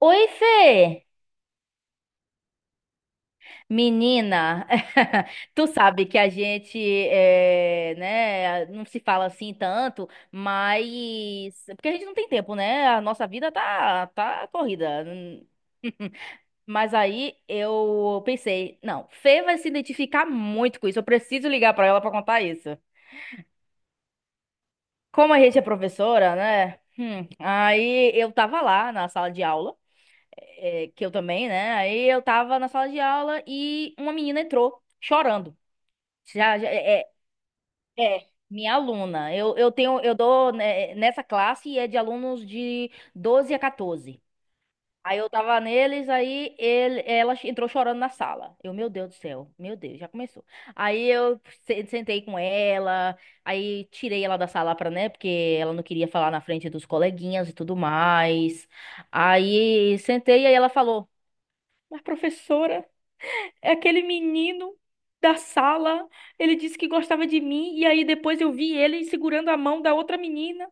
Oi, Fê! Menina, tu sabe que a gente, é, né, não se fala assim tanto, mas... Porque a gente não tem tempo, né? A nossa vida tá corrida. Mas aí eu pensei, não, Fê vai se identificar muito com isso, eu preciso ligar pra ela pra contar isso. Como a gente é professora, né? Aí eu tava lá na sala de aula, é, que eu também, né? Aí eu tava na sala de aula e uma menina entrou chorando. Já, já- é, minha aluna. Eu tenho, eu dou, né, nessa classe é de alunos de 12 a 14. Aí eu tava neles, aí ela entrou chorando na sala. Meu Deus do céu, meu Deus, já começou. Aí eu sentei com ela, aí tirei ela da sala pra, né, porque ela não queria falar na frente dos coleguinhas e tudo mais. Aí sentei, aí ela falou. Mas, professora, é aquele menino da sala. Ele disse que gostava de mim, e aí depois eu vi ele segurando a mão da outra menina.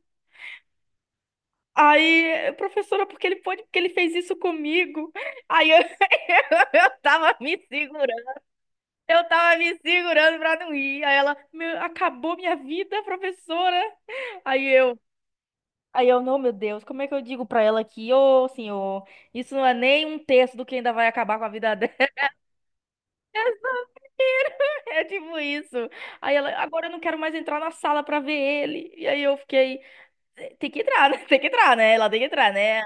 Aí, professora, porque ele pode, porque ele fez isso comigo. Aí eu, eu tava me segurando, eu tava me segurando pra não ir. Aí ela, "Meu, acabou minha vida, professora." Aí eu, aí eu, não, meu Deus, como é que eu digo pra ela que, ô, senhor, isso não é nem um terço do que ainda vai acabar com a vida. É tipo isso. Aí ela, agora eu não quero mais entrar na sala pra ver ele. E aí eu fiquei, tem que entrar, né? Tem que entrar, né? Ela tem que entrar, né?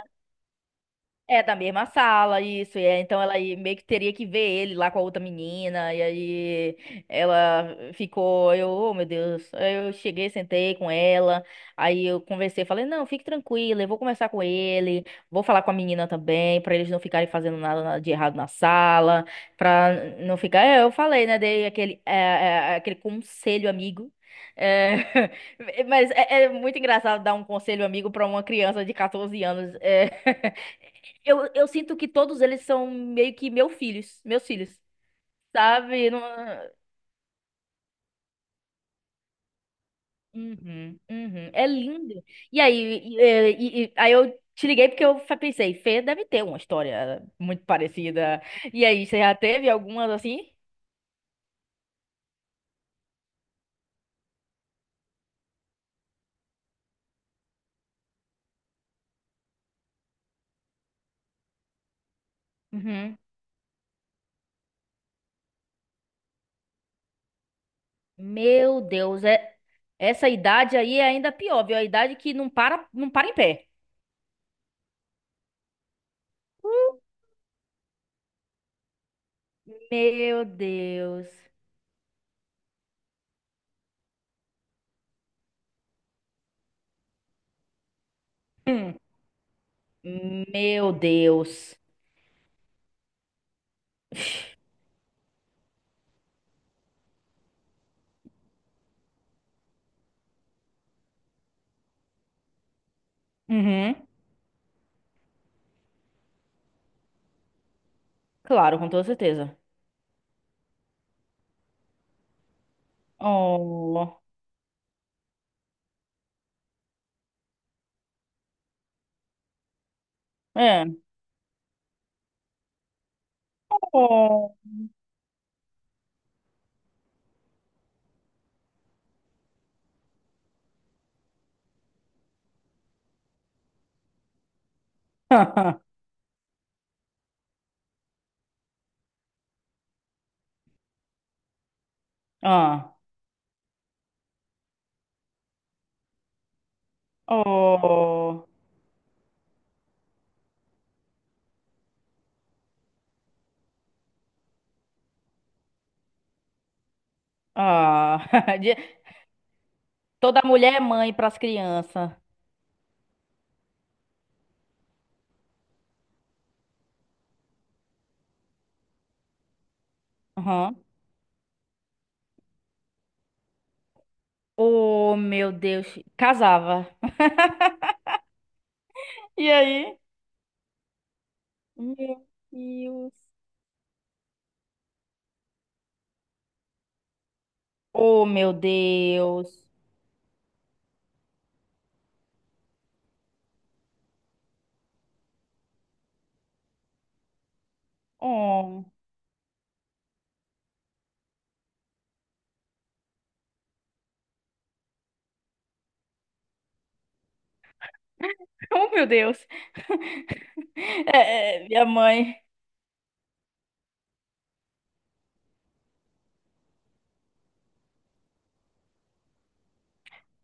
É, da mesma sala, isso. Então ela aí meio que teria que ver ele lá com a outra menina. E aí ela ficou, oh, meu Deus. Aí eu cheguei, sentei com ela. Aí eu conversei, falei, não, fique tranquila, eu vou conversar com ele, vou falar com a menina também, pra eles não ficarem fazendo nada de errado na sala, pra não ficar. É, eu falei, né? Dei aquele, aquele conselho amigo. É, mas é muito engraçado dar um conselho amigo pra uma criança de 14 anos. É. Eu sinto que todos eles são meio que meus filhos, sabe? Uhum, uhum. É lindo. E aí, aí eu te liguei porque pensei, Fê deve ter uma história muito parecida. E aí, você já teve algumas assim? Uhum. Meu Deus, essa idade aí é ainda pior, viu? A idade que não para, não para em pé. Meu Deus. Hum. Meu Deus. Uhum. Claro, com toda certeza. Oh, é. Oh. Ah. Oh. Ah. De- Toda mulher é mãe para as crianças. Aham. Oh, meu Deus. Casava. E aí? Meu Deus. Oh, meu Deus. Oh, oh, meu Deus. É, é, minha mãe.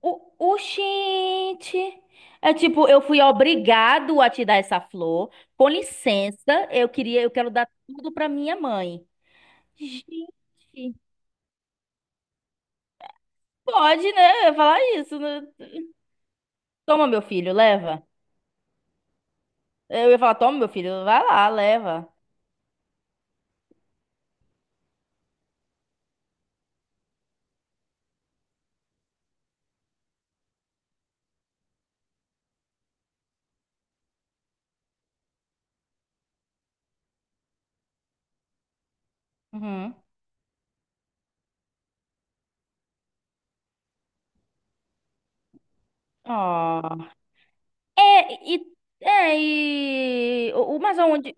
O, o, oxente. É tipo, eu fui obrigado a te dar essa flor. Com licença, eu queria, eu quero dar tudo para minha mãe. Gente, pode, né? Eu ia falar isso, né? Toma, meu filho, leva. Eu ia falar, toma, meu filho, vai lá, leva. Uhum. Ó. É, e. É, e. Mas onde.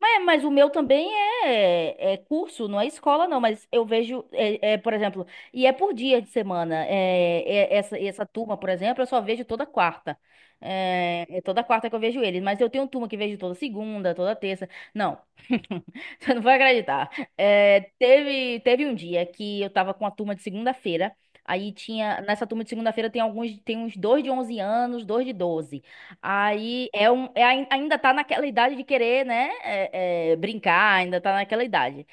Mas o meu também é, é curso, não é escola, não. Mas eu vejo, é, é, por exemplo, e é por dia de semana. É, essa, essa turma, por exemplo, eu só vejo toda quarta. É, é toda quarta que eu vejo eles. Mas eu tenho turma que vejo toda segunda, toda terça. Não, você não vai acreditar. É, teve, teve um dia que eu tava com a turma de segunda-feira. Aí tinha, nessa turma de segunda-feira tem alguns, tem uns dois de 11 anos, dois de 12. Aí ainda tá naquela idade de querer, né? Brincar, ainda tá naquela idade.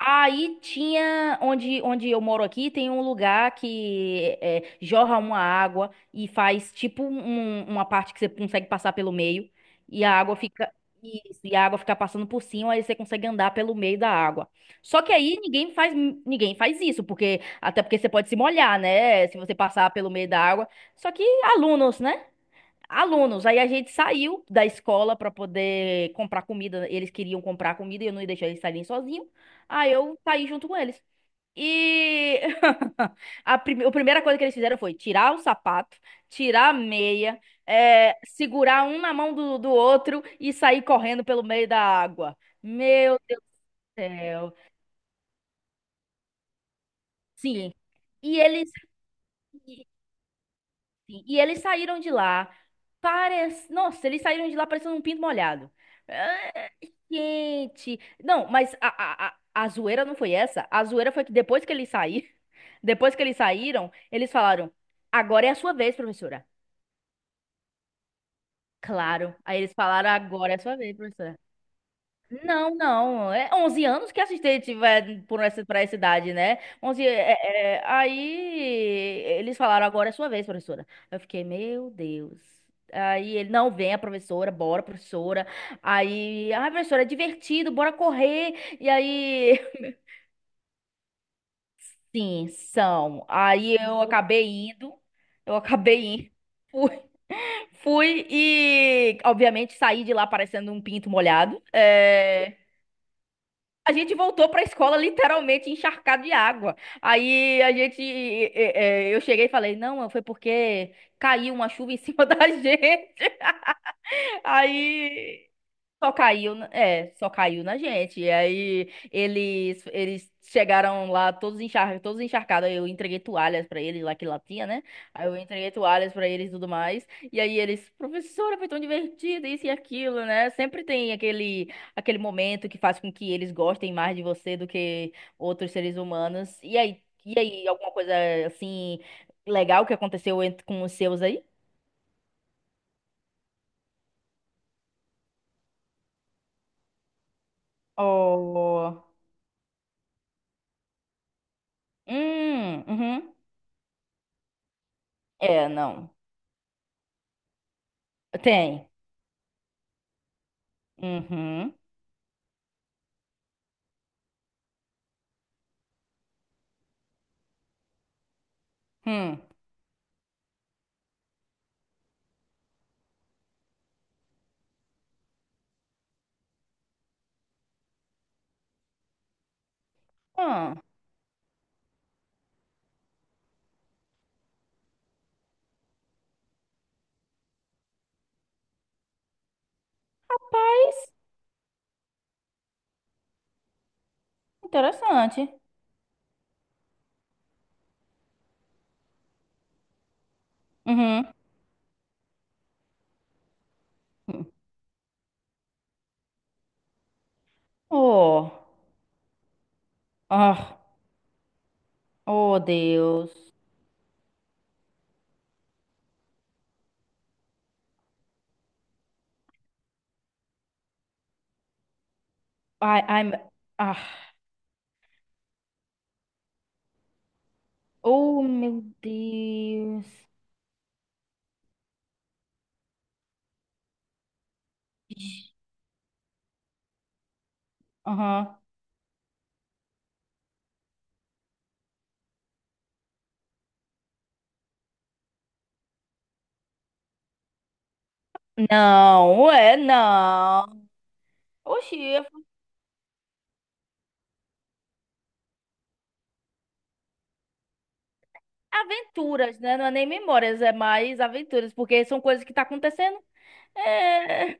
Aí tinha, onde, onde eu moro aqui, tem um lugar que é, jorra uma água e faz tipo uma parte que você consegue passar pelo meio e a água fica. Isso, e a água fica passando por cima, aí você consegue andar pelo meio da água. Só que aí ninguém faz isso, porque até porque você pode se molhar, né? Se você passar pelo meio da água. Só que alunos, né? Alunos. Aí a gente saiu da escola para poder comprar comida. Eles queriam comprar comida e eu não ia deixar eles saírem sozinhos. Aí eu saí junto com eles. E a primeira coisa que eles fizeram foi tirar o sapato, tirar a meia, segurar um na mão do outro e sair correndo pelo meio da água. Meu Deus do céu. Sim. E eles. Sim, e eles saíram de lá, parece... Nossa, eles saíram de lá parecendo um pinto molhado. Ah, gente! Não, mas a zoeira não foi essa. A zoeira foi que depois que eles saíram, depois que eles saíram, eles falaram, agora é a sua vez, professora. Claro. Aí eles falaram, agora é a sua vez, professora. Não, não. É 11 anos que assistente vai por essa, pra essa idade, né? 11. Aí eles falaram, agora é sua vez, professora. Eu fiquei, meu Deus. Aí ele, não, vem a professora, bora, professora. Aí, ah, professora, é divertido, bora correr. E aí, sim, são. Aí eu acabei indo, eu acabei indo. Fui e, obviamente, saí de lá parecendo um pinto molhado. É... A gente voltou para a escola literalmente encharcado de água. Aí a gente, eu cheguei e falei, não, mãe, foi porque caiu uma chuva em cima da gente. Aí só caiu, só caiu na gente. E aí eles chegaram lá todos encharcados, todos encharcados. Aí eu entreguei toalhas pra eles lá que lá tinha, né? Aí eu entreguei toalhas pra eles e tudo mais. E aí eles, professora, foi tão divertido isso e aquilo, né? Sempre tem aquele momento que faz com que eles gostem mais de você do que outros seres humanos. E aí alguma coisa assim legal que aconteceu com os seus aí? Oh. Uhum. É, não. Tem. Uhum. Hum. Ah, rapaz, interessante. Uhum. Hum. Oh. Ah. Oh, Deus. Ai, ai, ah. Oh, meu Deus. Aham. Não, é não. Oxi, aventuras, né? Não é nem memórias, é mais aventuras, porque são coisas que tá acontecendo. É.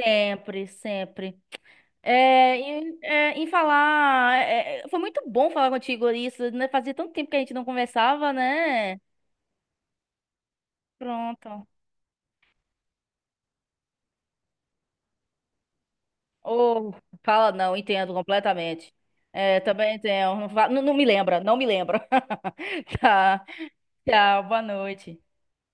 Sempre, sempre. Em falar, foi muito bom falar contigo isso, né? Fazia tanto tempo que a gente não conversava, né? Pronto. Ou fala, não, entendo completamente. É, também entendo. Não, não me lembra, não me lembra. Tá, tchau, boa noite.